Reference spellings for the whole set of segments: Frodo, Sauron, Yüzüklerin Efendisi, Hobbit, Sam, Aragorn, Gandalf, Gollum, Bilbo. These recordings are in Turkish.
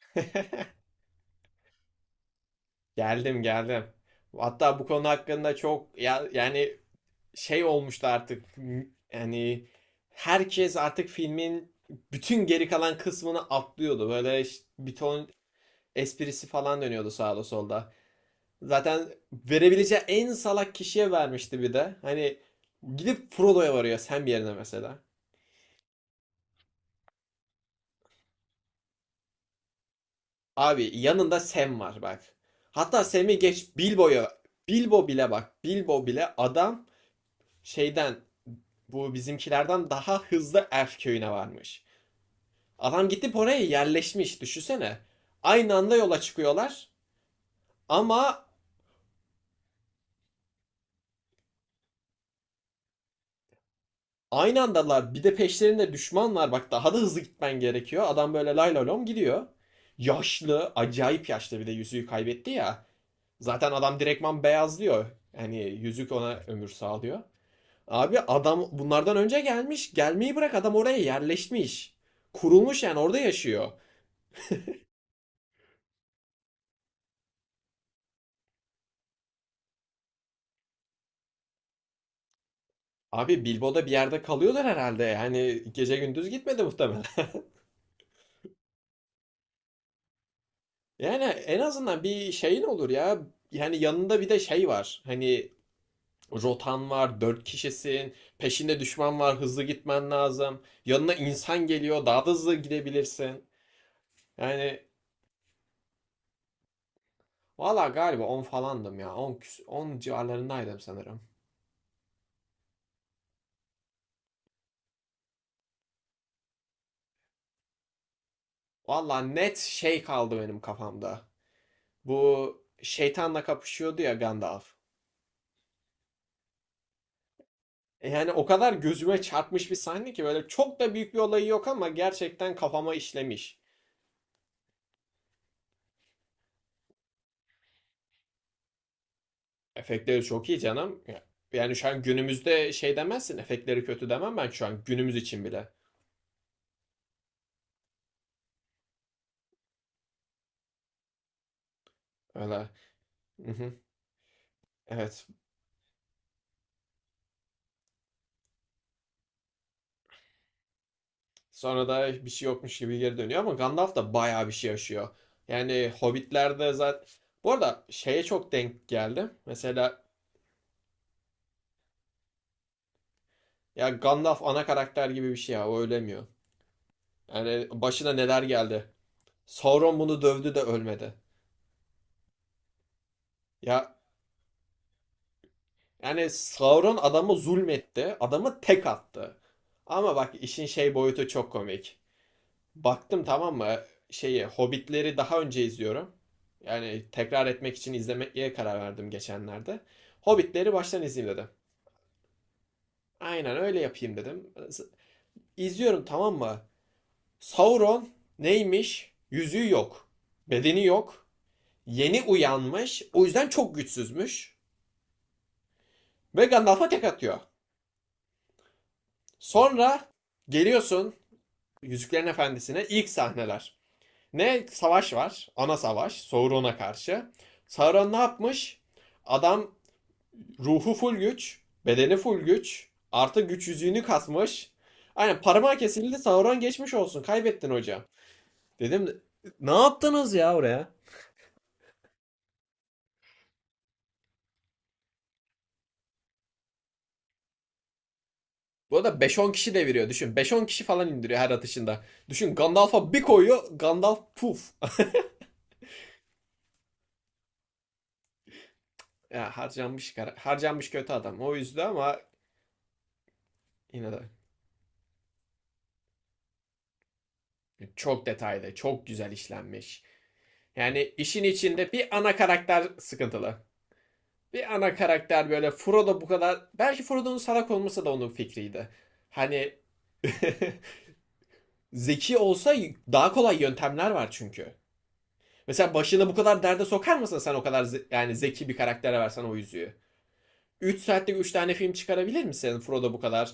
Geldim geldim. Hatta bu konu hakkında çok ya, yani şey olmuştu artık. Yani herkes artık filmin bütün geri kalan kısmını atlıyordu. Böyle bir ton esprisi falan dönüyordu sağda solda. Zaten verebileceği en salak kişiye vermişti bir de. Hani gidip Frodo'ya varıyor Sam yerine mesela. Abi yanında Sam var bak. Hatta Sam'i geç Bilbo'ya. Bilbo bile bak. Bilbo bile adam şeyden bu bizimkilerden daha hızlı Elf köyüne varmış. Adam gidip oraya yerleşmiş düşünsene. Aynı anda yola çıkıyorlar ama aynı andalar, bir de peşlerinde düşman var bak, daha da hızlı gitmen gerekiyor. Adam böyle lay lay lom gidiyor. Yaşlı, acayip yaşlı, bir de yüzüğü kaybetti ya. Zaten adam direktman beyazlıyor. Yani yüzük ona ömür sağlıyor. Abi adam bunlardan önce gelmiş. Gelmeyi bırak, adam oraya yerleşmiş. Kurulmuş yani, orada yaşıyor. Abi Bilbo'da bir yerde kalıyorlar herhalde. Yani gece gündüz gitmedi muhtemelen. Yani en azından bir şeyin olur ya. Yani yanında bir de şey var. Hani rotan var, dört kişisin. Peşinde düşman var, hızlı gitmen lazım. Yanına insan geliyor, daha da hızlı gidebilirsin. Yani valla galiba 10 falandım ya. On 10 10 civarlarındaydım sanırım. Valla net şey kaldı benim kafamda. Bu şeytanla kapışıyordu ya Gandalf. Yani o kadar gözüme çarpmış bir sahne ki, böyle çok da büyük bir olayı yok ama gerçekten kafama işlemiş. Efektleri çok iyi canım. Yani şu an günümüzde şey demezsin, efektleri kötü demem ben şu an günümüz için bile. Öyle. Hı hı. Evet. Sonra da bir şey yokmuş gibi geri dönüyor ama Gandalf da bayağı bir şey yaşıyor. Yani Hobbit'lerde zaten... Bu arada şeye çok denk geldim. Mesela ya Gandalf ana karakter gibi bir şey ya, o ölemiyor. Yani başına neler geldi. Sauron bunu dövdü de ölmedi. Ya yani Sauron adamı zulmetti. Adamı tek attı. Ama bak işin şey boyutu çok komik. Baktım, tamam mı? Şeyi Hobbit'leri daha önce izliyorum. Yani tekrar etmek için izlemeye karar verdim geçenlerde. Hobbit'leri baştan izleyeyim dedim. Aynen öyle yapayım dedim. İzliyorum, tamam mı? Sauron neymiş? Yüzüğü yok. Bedeni yok. Yeni uyanmış. O yüzden çok güçsüzmüş. Ve Gandalf'a tek atıyor. Sonra geliyorsun Yüzüklerin Efendisi'ne ilk sahneler. Ne savaş var? Ana savaş. Sauron'a karşı. Sauron ne yapmış? Adam ruhu full güç, bedeni full güç, artı güç yüzüğünü kasmış. Aynen parmağı kesildi, Sauron geçmiş olsun. Kaybettin hocam. Dedim, ne yaptınız ya oraya? Bu arada 5-10 kişi deviriyor düşün. 5-10 kişi falan indiriyor her atışında. Düşün, Gandalf'a bir koyuyor. Gandalf puf. Ya harcanmış, harcanmış kötü adam. O yüzden ama yine de çok detaylı, çok güzel işlenmiş. Yani işin içinde bir ana karakter sıkıntılı. Bir ana karakter böyle Frodo bu kadar... Belki Frodo'nun salak olması da onun fikriydi. Hani zeki olsa daha kolay yöntemler var çünkü. Mesela başını bu kadar derde sokar mısın, sen o kadar yani zeki bir karaktere versen o yüzüğü? 3 saatte 3 tane film çıkarabilir misin Frodo bu kadar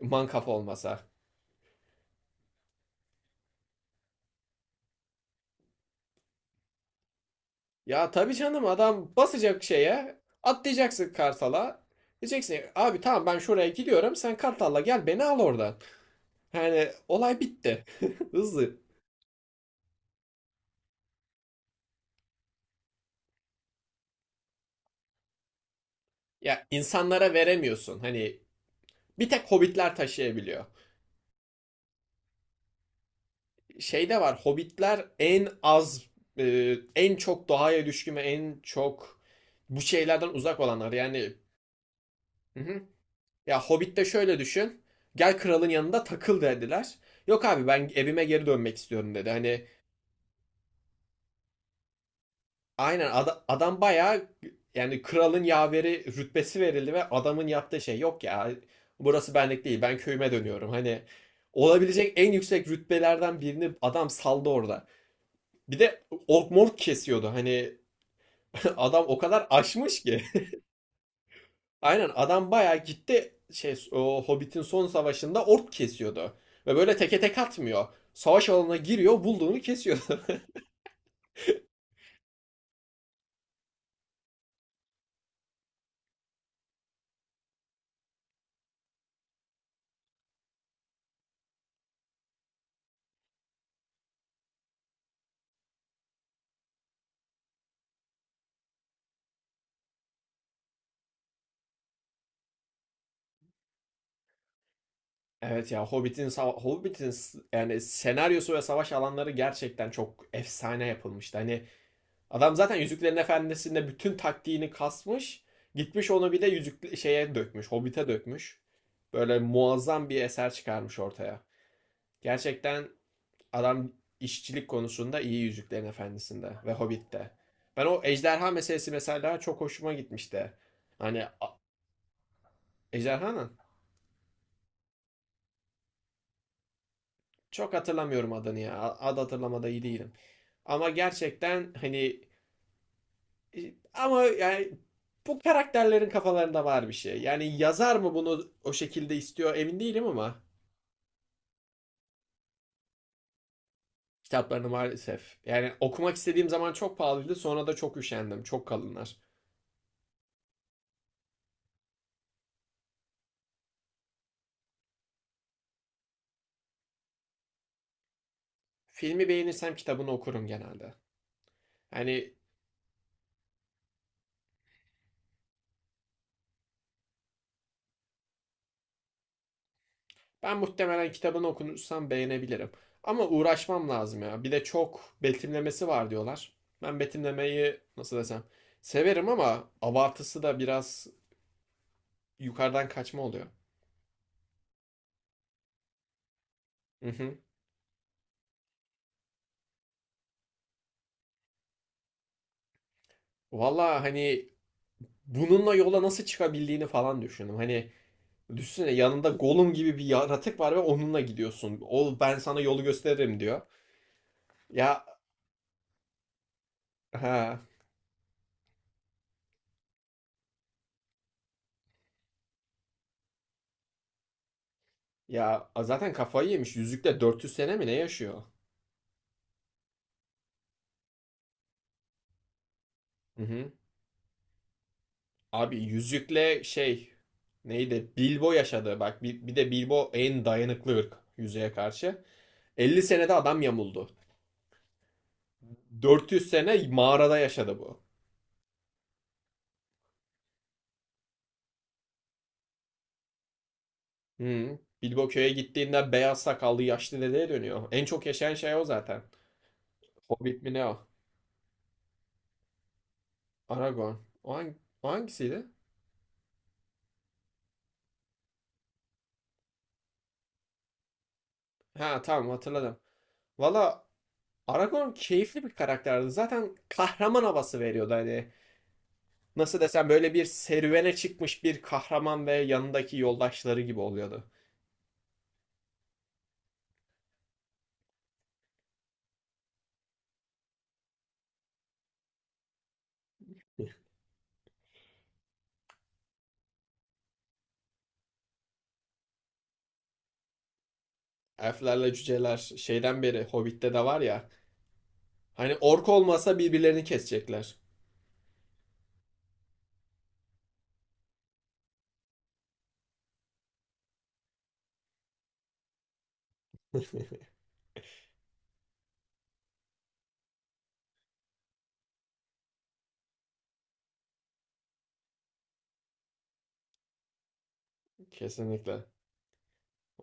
mankafa olmasa? Ya tabii canım, adam basacak şeye atlayacaksın kartala. Diyeceksin, abi tamam ben şuraya gidiyorum, sen kartalla gel beni al oradan. Yani olay bitti. Hızlı. Ya insanlara veremiyorsun. Hani bir tek hobbitler taşıyabiliyor. Şey de var, hobbitler en az en çok doğaya düşkün ve en çok bu şeylerden uzak olanlar. Yani hı hı. Ya Hobbit'te şöyle düşün. Gel kralın yanında takıl dediler. Yok abi, ben evime geri dönmek istiyorum dedi. Hani aynen adam bayağı, yani kralın yaveri rütbesi verildi ve adamın yaptığı şey yok ya, burası benlik değil, ben köyüme dönüyorum. Hani olabilecek en yüksek rütbelerden birini adam saldı orada. Bir de ork mork kesiyordu hani, adam o kadar aşmış ki. Aynen adam bayağı gitti şey, o Hobbit'in son savaşında ork kesiyordu. Ve böyle teke tek atmıyor. Savaş alanına giriyor, bulduğunu kesiyordu. Evet ya, Hobbit'in sava- Hobbit'in s- yani senaryosu ve savaş alanları gerçekten çok efsane yapılmıştı. Hani adam zaten Yüzüklerin Efendisi'nde bütün taktiğini kasmış, gitmiş onu bir de yüzük şeye dökmüş, Hobbit'e dökmüş. Böyle muazzam bir eser çıkarmış ortaya. Gerçekten adam işçilik konusunda iyi Yüzüklerin Efendisi'nde ve Hobbit'te. Ben o ejderha meselesi mesela çok hoşuma gitmişti. Hani ejderhanın... Çok hatırlamıyorum adını ya. Ad hatırlamada iyi değilim. Ama gerçekten hani, e, ama yani bu karakterlerin kafalarında var bir şey. Yani yazar mı bunu o şekilde istiyor emin değilim ama kitaplarını maalesef. Yani okumak istediğim zaman çok pahalıydı. Sonra da çok üşendim. Çok kalınlar. Filmi beğenirsem kitabını okurum genelde. Hani ben muhtemelen kitabını okunursam beğenebilirim. Ama uğraşmam lazım ya. Bir de çok betimlemesi var diyorlar. Ben betimlemeyi nasıl desem severim ama abartısı da biraz yukarıdan kaçma oluyor. Hı hı. Valla hani bununla yola nasıl çıkabildiğini falan düşündüm. Hani düşünsene yanında Gollum gibi bir yaratık var ve onunla gidiyorsun. O ben sana yolu gösteririm diyor. Ya ha ya zaten kafayı yemiş. Yüzükle 400 sene mi ne yaşıyor? Hı hı. Abi yüzükle şey neydi? Bilbo yaşadı. Bak bir de Bilbo en dayanıklı ırk yüzüğe karşı. 50 senede adam yamuldu. 400 sene mağarada yaşadı bu. Hmm. Bilbo köye gittiğinde beyaz sakallı yaşlı dedeye dönüyor. En çok yaşayan şey o zaten. Hobbit mi ne o? Aragorn. O, hang- o hangisiydi? Ha tamam, hatırladım. Valla Aragorn keyifli bir karakterdi. Zaten kahraman havası veriyordu hani. Nasıl desem, böyle bir serüvene çıkmış bir kahraman ve yanındaki yoldaşları gibi oluyordu. Elflerle cüceler şeyden beri Hobbit'te de var ya. Hani ork olmasa birbirlerini kesecekler. Kesinlikle.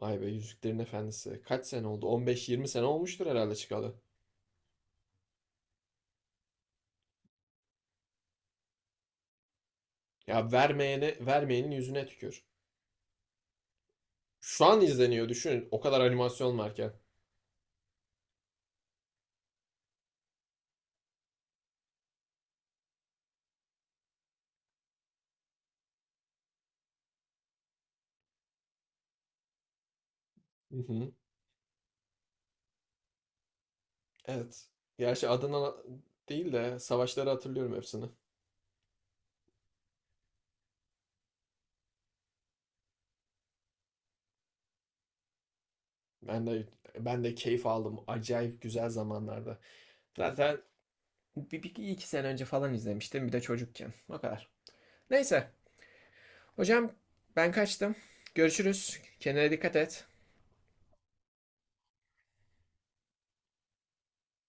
Vay be, Yüzüklerin Efendisi. Kaç sene oldu? 15-20 sene olmuştur herhalde çıkalı. Ya vermeyene, vermeyenin yüzüne tükür. Şu an izleniyor düşünün. O kadar animasyon varken. Hı hı. Evet. Gerçi adından değil de savaşları hatırlıyorum hepsini. Ben de ben de keyif aldım. Acayip güzel zamanlarda. Zaten bir iki sene önce falan izlemiştim. Bir de çocukken. O kadar. Neyse. Hocam ben kaçtım. Görüşürüz. Kendine dikkat et.